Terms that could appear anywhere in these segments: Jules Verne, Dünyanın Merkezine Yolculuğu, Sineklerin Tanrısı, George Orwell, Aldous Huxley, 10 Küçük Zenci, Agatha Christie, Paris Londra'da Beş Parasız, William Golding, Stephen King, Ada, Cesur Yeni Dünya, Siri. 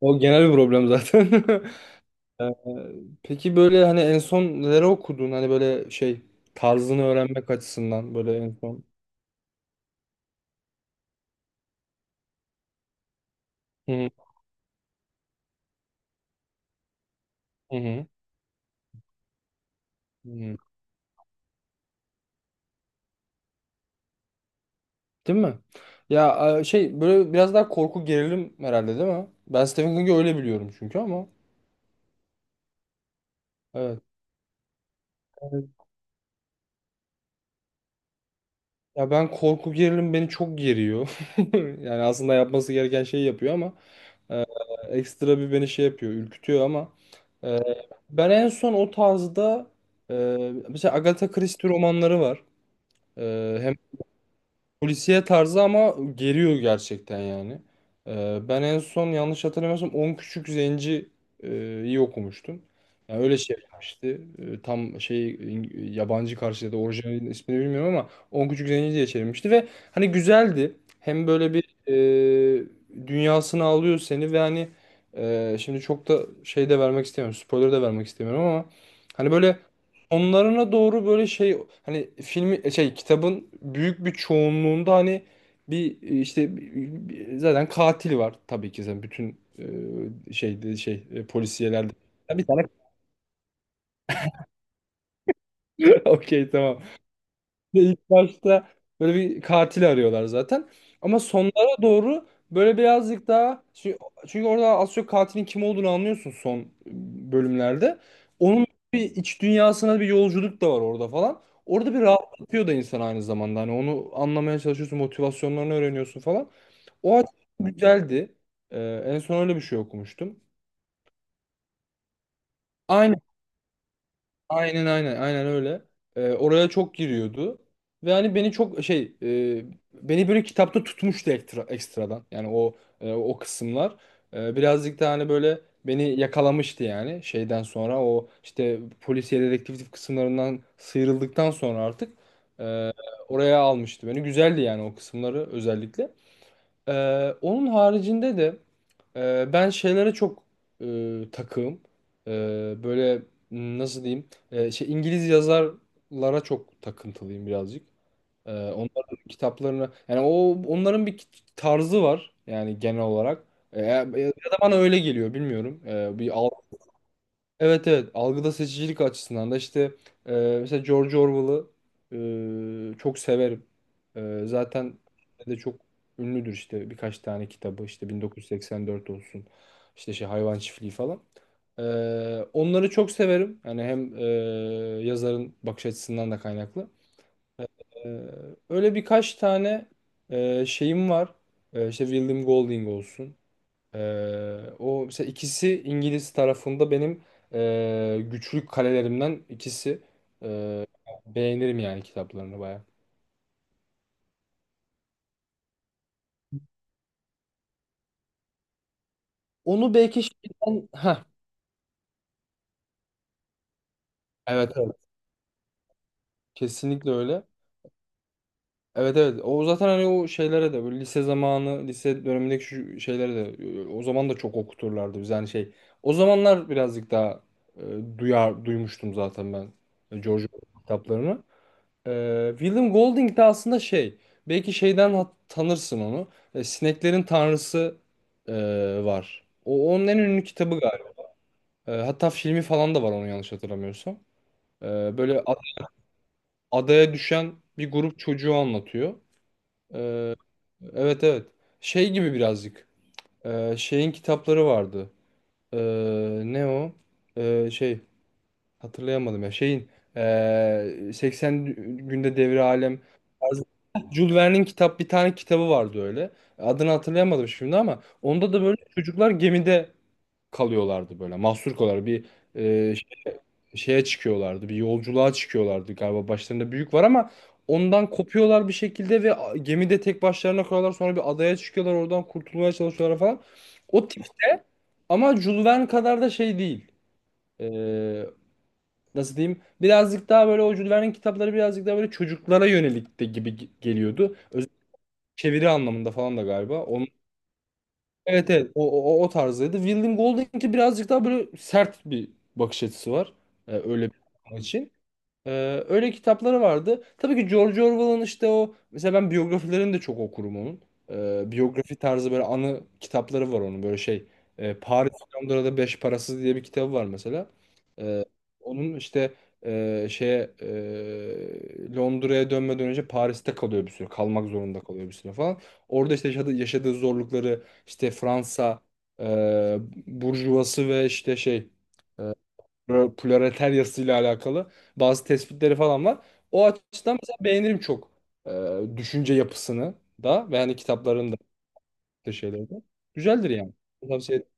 O genel bir problem zaten. Ee, Peki böyle hani en son neleri okudun? Hani böyle şey tarzını öğrenmek açısından böyle en son. Hı hı hı. Hı. Değil mi? Ya şey böyle biraz daha korku gerilim herhalde değil mi? Ben Stephen King'i öyle biliyorum çünkü ama. Evet. Evet. Ya ben korku gerilim beni çok geriyor. Yani aslında yapması gereken şeyi yapıyor ama e, ekstra bir beni şey yapıyor, ürkütüyor ama Ee, ben en son o tarzda mesela Agatha Christie romanları var. Hem polisiye tarzı ama geriyor gerçekten yani. Ben en son yanlış hatırlamıyorsam 10 Küçük Zenci'yi iyi okumuştum. Yani öyle şey yapmıştı. Tam şey yabancı karşıya da orijinal ismini bilmiyorum ama 10 Küçük Zenci diye çevirmişti ve hani güzeldi. Hem böyle bir dünyasını alıyor seni ve hani şimdi çok da şey de vermek istemiyorum. Spoiler de vermek istemiyorum ama hani böyle onlarına doğru böyle şey hani filmi şey kitabın büyük bir çoğunluğunda hani bir işte zaten katil var tabii ki zaten bütün şeyde şey polisiyelerde. Ya bir tane okey tamam. Ve ilk başta böyle bir katil arıyorlar zaten. Ama sonlara doğru böyle birazcık daha çünkü orada az çok katilin kim olduğunu anlıyorsun son bölümlerde. Onun bir iç dünyasına bir yolculuk da var orada falan. Orada bir rahatlatıyor da insan aynı zamanda. Hani onu anlamaya çalışıyorsun, motivasyonlarını öğreniyorsun falan. O açıdan güzeldi. En son öyle bir şey okumuştum. Aynı Aynen aynen aynen öyle. Oraya çok giriyordu. Ve hani beni çok şey beni böyle kitapta tutmuştu ekstra, ekstradan. Yani o o kısımlar. Birazcık da hani böyle beni yakalamıştı yani şeyden sonra o işte polisiye dedektif kısımlarından sıyrıldıktan sonra artık e, oraya almıştı beni. Güzeldi yani o kısımları özellikle. Onun haricinde de ben şeylere çok takığım. Böyle nasıl diyeyim? Şey İngiliz yazarlara çok takıntılıyım birazcık. Onların kitaplarını yani o onların bir tarzı var yani genel olarak. Ya ya da bana öyle geliyor bilmiyorum. Bir Evet, evet, algıda seçicilik açısından da işte e, mesela George Orwell'ı çok severim. Zaten de çok ünlüdür işte birkaç tane kitabı, işte 1984 olsun, işte şey Hayvan Çiftliği falan. E, Onları çok severim. Yani hem yazarın bakış açısından da kaynaklı. E, Öyle birkaç tane şeyim var. İşte William Golding olsun. O mesela, ikisi İngiliz tarafında benim güçlü kalelerimden ikisi. Ee, Beğenirim yani kitaplarını baya. Onu belki şeyden... Heh, evet, evet. Kesinlikle öyle. Evet, evet. O zaten hani o şeylere de böyle lise zamanı, lise dönemindeki şu şeylere de o zaman da çok okuturlardı biz. Yani şey o zamanlar birazcık daha duyar duymuştum zaten ben George Orwell kitaplarını. William Golding de aslında şey, belki şeyden tanırsın onu. Sineklerin Tanrısı e, var. O onun en ünlü kitabı galiba. Hatta filmi falan da var onu yanlış hatırlamıyorsam. E, böyle adaya düşen bir grup çocuğu anlatıyor. E, evet, evet. Şey gibi birazcık. Şeyin kitapları vardı. E, Ne o? Şey. Hatırlayamadım ya. Şeyin 80 günde devri alem tarzı- Jules Verne'in bir tane kitabı vardı öyle. Adını hatırlayamadım şimdi ama onda da böyle çocuklar gemide kalıyorlardı böyle. Mahsur kalıyorlar. Bir eee, ş- şeye çıkıyorlardı. Bir yolculuğa çıkıyorlardı galiba. Başlarında büyük var ama ondan kopuyorlar bir şekilde ve gemide tek başlarına kalıyorlar. Sonra bir adaya çıkıyorlar. Oradan kurtulmaya çalışıyorlar falan. O tip ama Jules Verne kadar da şey değil, nasıl diyeyim, birazcık daha böyle o Jules kitapları birazcık daha böyle çocuklara yönelik de gibi geliyordu. Özellikle çeviri anlamında falan da galiba. Onun, evet, evet, o tarzdaydı. William Golding'inki birazcık daha böyle sert bir bakış açısı var. Öyle bir adam için. Öyle kitapları vardı. Tabii ki George Orwell'ın işte o, mesela ben biyografilerini de çok okurum onun. Biyografi tarzı böyle anı kitapları var onun böyle şey. Paris Londra'da Beş Parasız diye bir kitabı var mesela. Ee, Onun işte şeye Londra'ya dönmeden önce Paris'te kalıyor bir süre. Kalmak zorunda kalıyor bir süre falan. Orada işte yaşadığı zorlukları, işte Fransa e, burjuvası ve işte şey proletaryasıyla alakalı bazı tespitleri falan var. O açıdan mesela beğenirim çok düşünce yapısını da, ve hani kitapların da yaptığı şeyleri de. Güzeldir yani. Tavsiye ederim.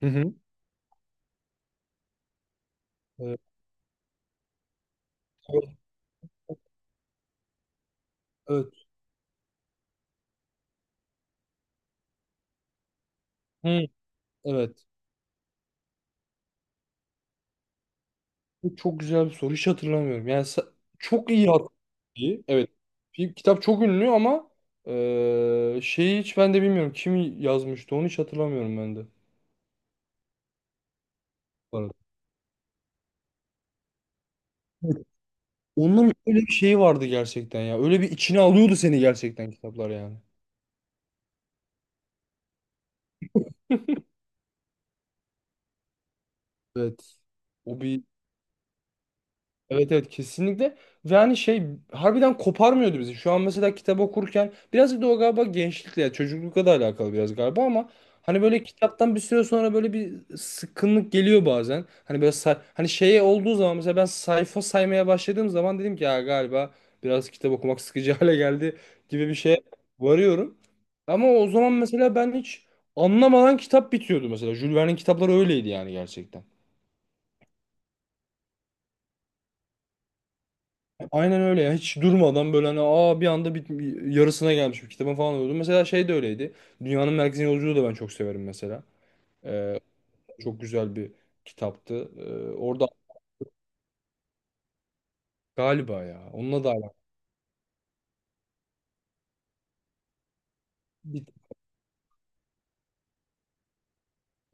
Hı hı. Evet. Evet. Hı, evet. Bu çok güzel bir soru. Hiç hatırlamıyorum. Yani çok iyi hatırlıyorum. Evet. Bir kitap çok ünlü ama şeyi hiç ben de bilmiyorum. Kim yazmıştı onu hiç hatırlamıyorum ben de. Bu arada. Onun öyle bir şeyi vardı gerçekten ya. Öyle bir içine alıyordu seni gerçekten kitaplar yani. Evet. O bir Evet, evet, kesinlikle. Ve hani şey harbiden koparmıyordu bizi. Şu an mesela kitap okurken biraz da o galiba gençlikle ya çocuklukla da alakalı biraz galiba ama hani böyle kitaptan bir süre sonra böyle bir sıkkınlık geliyor bazen. Hani böyle hani şeye olduğu zaman, mesela ben sayfa saymaya başladığım zaman dedim ki ya galiba biraz kitap okumak sıkıcı hale geldi gibi bir şeye varıyorum. Ama o zaman mesela ben hiç anlamadan kitap bitiyordu mesela. Jules Verne'in kitapları öyleydi yani gerçekten. Aynen öyle ya. Hiç durmadan böyle hani aa bir anda yarısına gelmiş bir kitabın falan oldu. Mesela şey de öyleydi. Dünyanın Merkezine Yolculuğu da ben çok severim mesela. Ee, Çok güzel bir kitaptı. Orada galiba ya. Onunla da alakalı. Bir-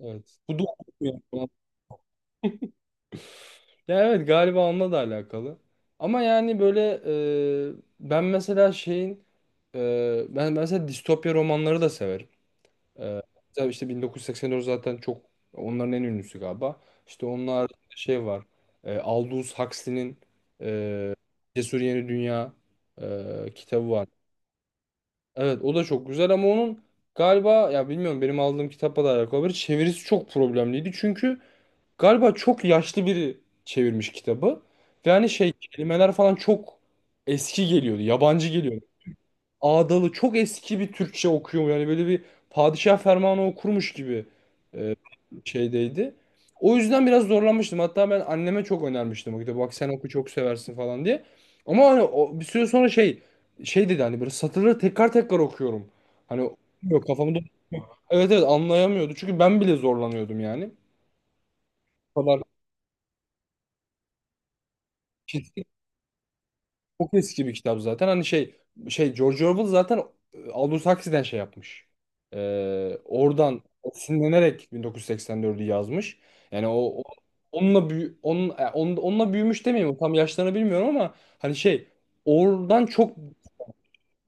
evet. Bu da, ya, evet, galiba onunla da alakalı. Ama yani böyle e, ben mesela şeyin ben mesela distopya romanları da severim. Ee, tabii işte 1984 zaten çok onların en ünlüsü galiba. İşte onlar şey var. Aldous Huxley'nin e, Cesur Yeni Dünya kitabı var. Evet, o da çok güzel ama onun galiba, ya bilmiyorum, benim aldığım kitapla da alakalı olabilir. Çevirisi çok problemliydi çünkü galiba çok yaşlı biri çevirmiş kitabı. Ve hani şey kelimeler falan çok eski geliyordu. Yabancı geliyordu, ağdalı çok eski bir Türkçe okuyor. Yani böyle bir padişah fermanı okurmuş gibi e, şeydeydi. O yüzden biraz zorlanmıştım. Hatta ben anneme çok önermiştim o kitabı. Bak sen oku çok seversin falan diye. Ama hani o, bir süre sonra şey dedi hani böyle satırları tekrar tekrar okuyorum. Hani yok kafamda. Evet, evet, anlayamıyordu. Çünkü ben bile zorlanıyordum yani. O kadar çok eski bir kitap zaten. Hani şey George Orwell zaten Aldous Huxley'den şey yapmış. Oradan esinlenerek 1984'ü yazmış. Yani onunla onun, onunla büyümüş demeyeyim. Tam yaşlarını bilmiyorum ama hani şey oradan çok,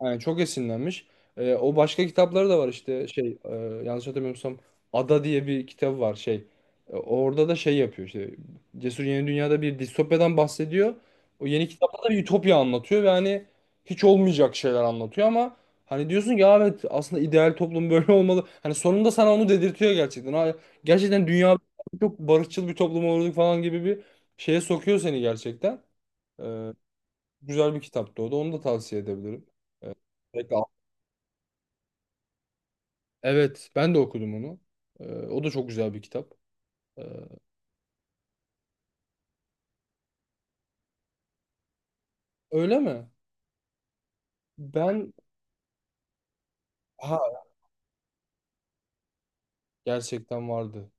yani çok esinlenmiş. O başka kitapları da var işte şey yanlış hatırlamıyorsam Ada diye bir kitabı var şey. Orada da şey yapıyor, işte Cesur Yeni Dünya'da bir distopyadan bahsediyor. O yeni kitapta da bir ütopya anlatıyor ve hani hiç olmayacak şeyler anlatıyor ama hani diyorsun ki "Ya evet aslında ideal toplum böyle olmalı." Hani sonunda sana onu dedirtiyor gerçekten. Ha, gerçekten dünya çok barışçıl bir toplum olurduk falan gibi bir şeye sokuyor seni gerçekten. Ee, Güzel bir kitaptı o da, onu da tavsiye edebilirim. Peki. Evet, ben de okudum onu. O da çok güzel bir kitap. Ee, Öyle mi? Ben ha, gerçekten vardı.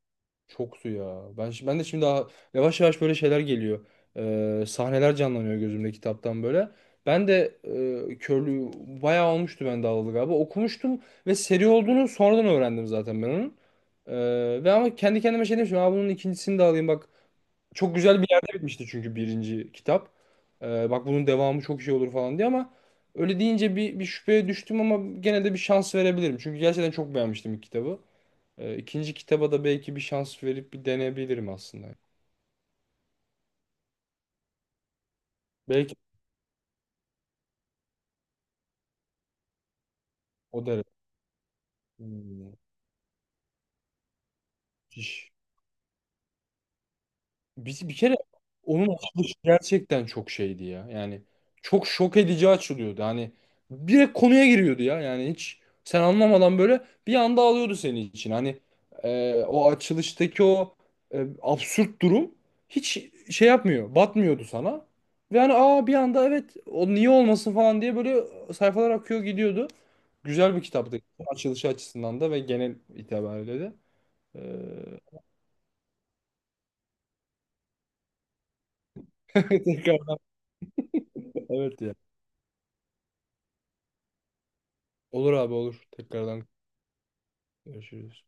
Çoktu ya. Ben ben de şimdi daha yavaş yavaş böyle şeyler geliyor. Sahneler canlanıyor gözümde kitaptan böyle. Ben de körlüğü bayağı olmuştu ben de alalı galiba. Okumuştum ve seri olduğunu sonradan öğrendim zaten ben onun. Ve ama kendi kendime şey demiştim. Aa, bunun ikincisini de alayım bak. Çok güzel bir yerde bitmişti çünkü birinci kitap. Bak bunun devamı çok şey olur falan diye ama öyle deyince bir şüpheye düştüm ama gene de bir şans verebilirim. Çünkü gerçekten çok beğenmiştim ilk kitabı. İkinci kitaba da belki bir şans verip bir deneyebilirim aslında. Belki o derece. Hmm, müthiş. Biz bir kere onun açılışı gerçekten çok şeydi ya. Yani çok şok edici açılıyordu. Hani direkt konuya giriyordu ya. Yani hiç sen anlamadan böyle bir anda alıyordu senin için. Hani o açılıştaki o absürt durum hiç şey yapmıyor. Batmıyordu sana. Ve hani aa bir anda evet o niye olmasın falan diye böyle sayfalar akıyor gidiyordu. Güzel bir kitaptı. Açılışı açısından da ve genel itibariyle de. Tekrardan, evet ya. Olur abi olur. Tekrardan görüşürüz.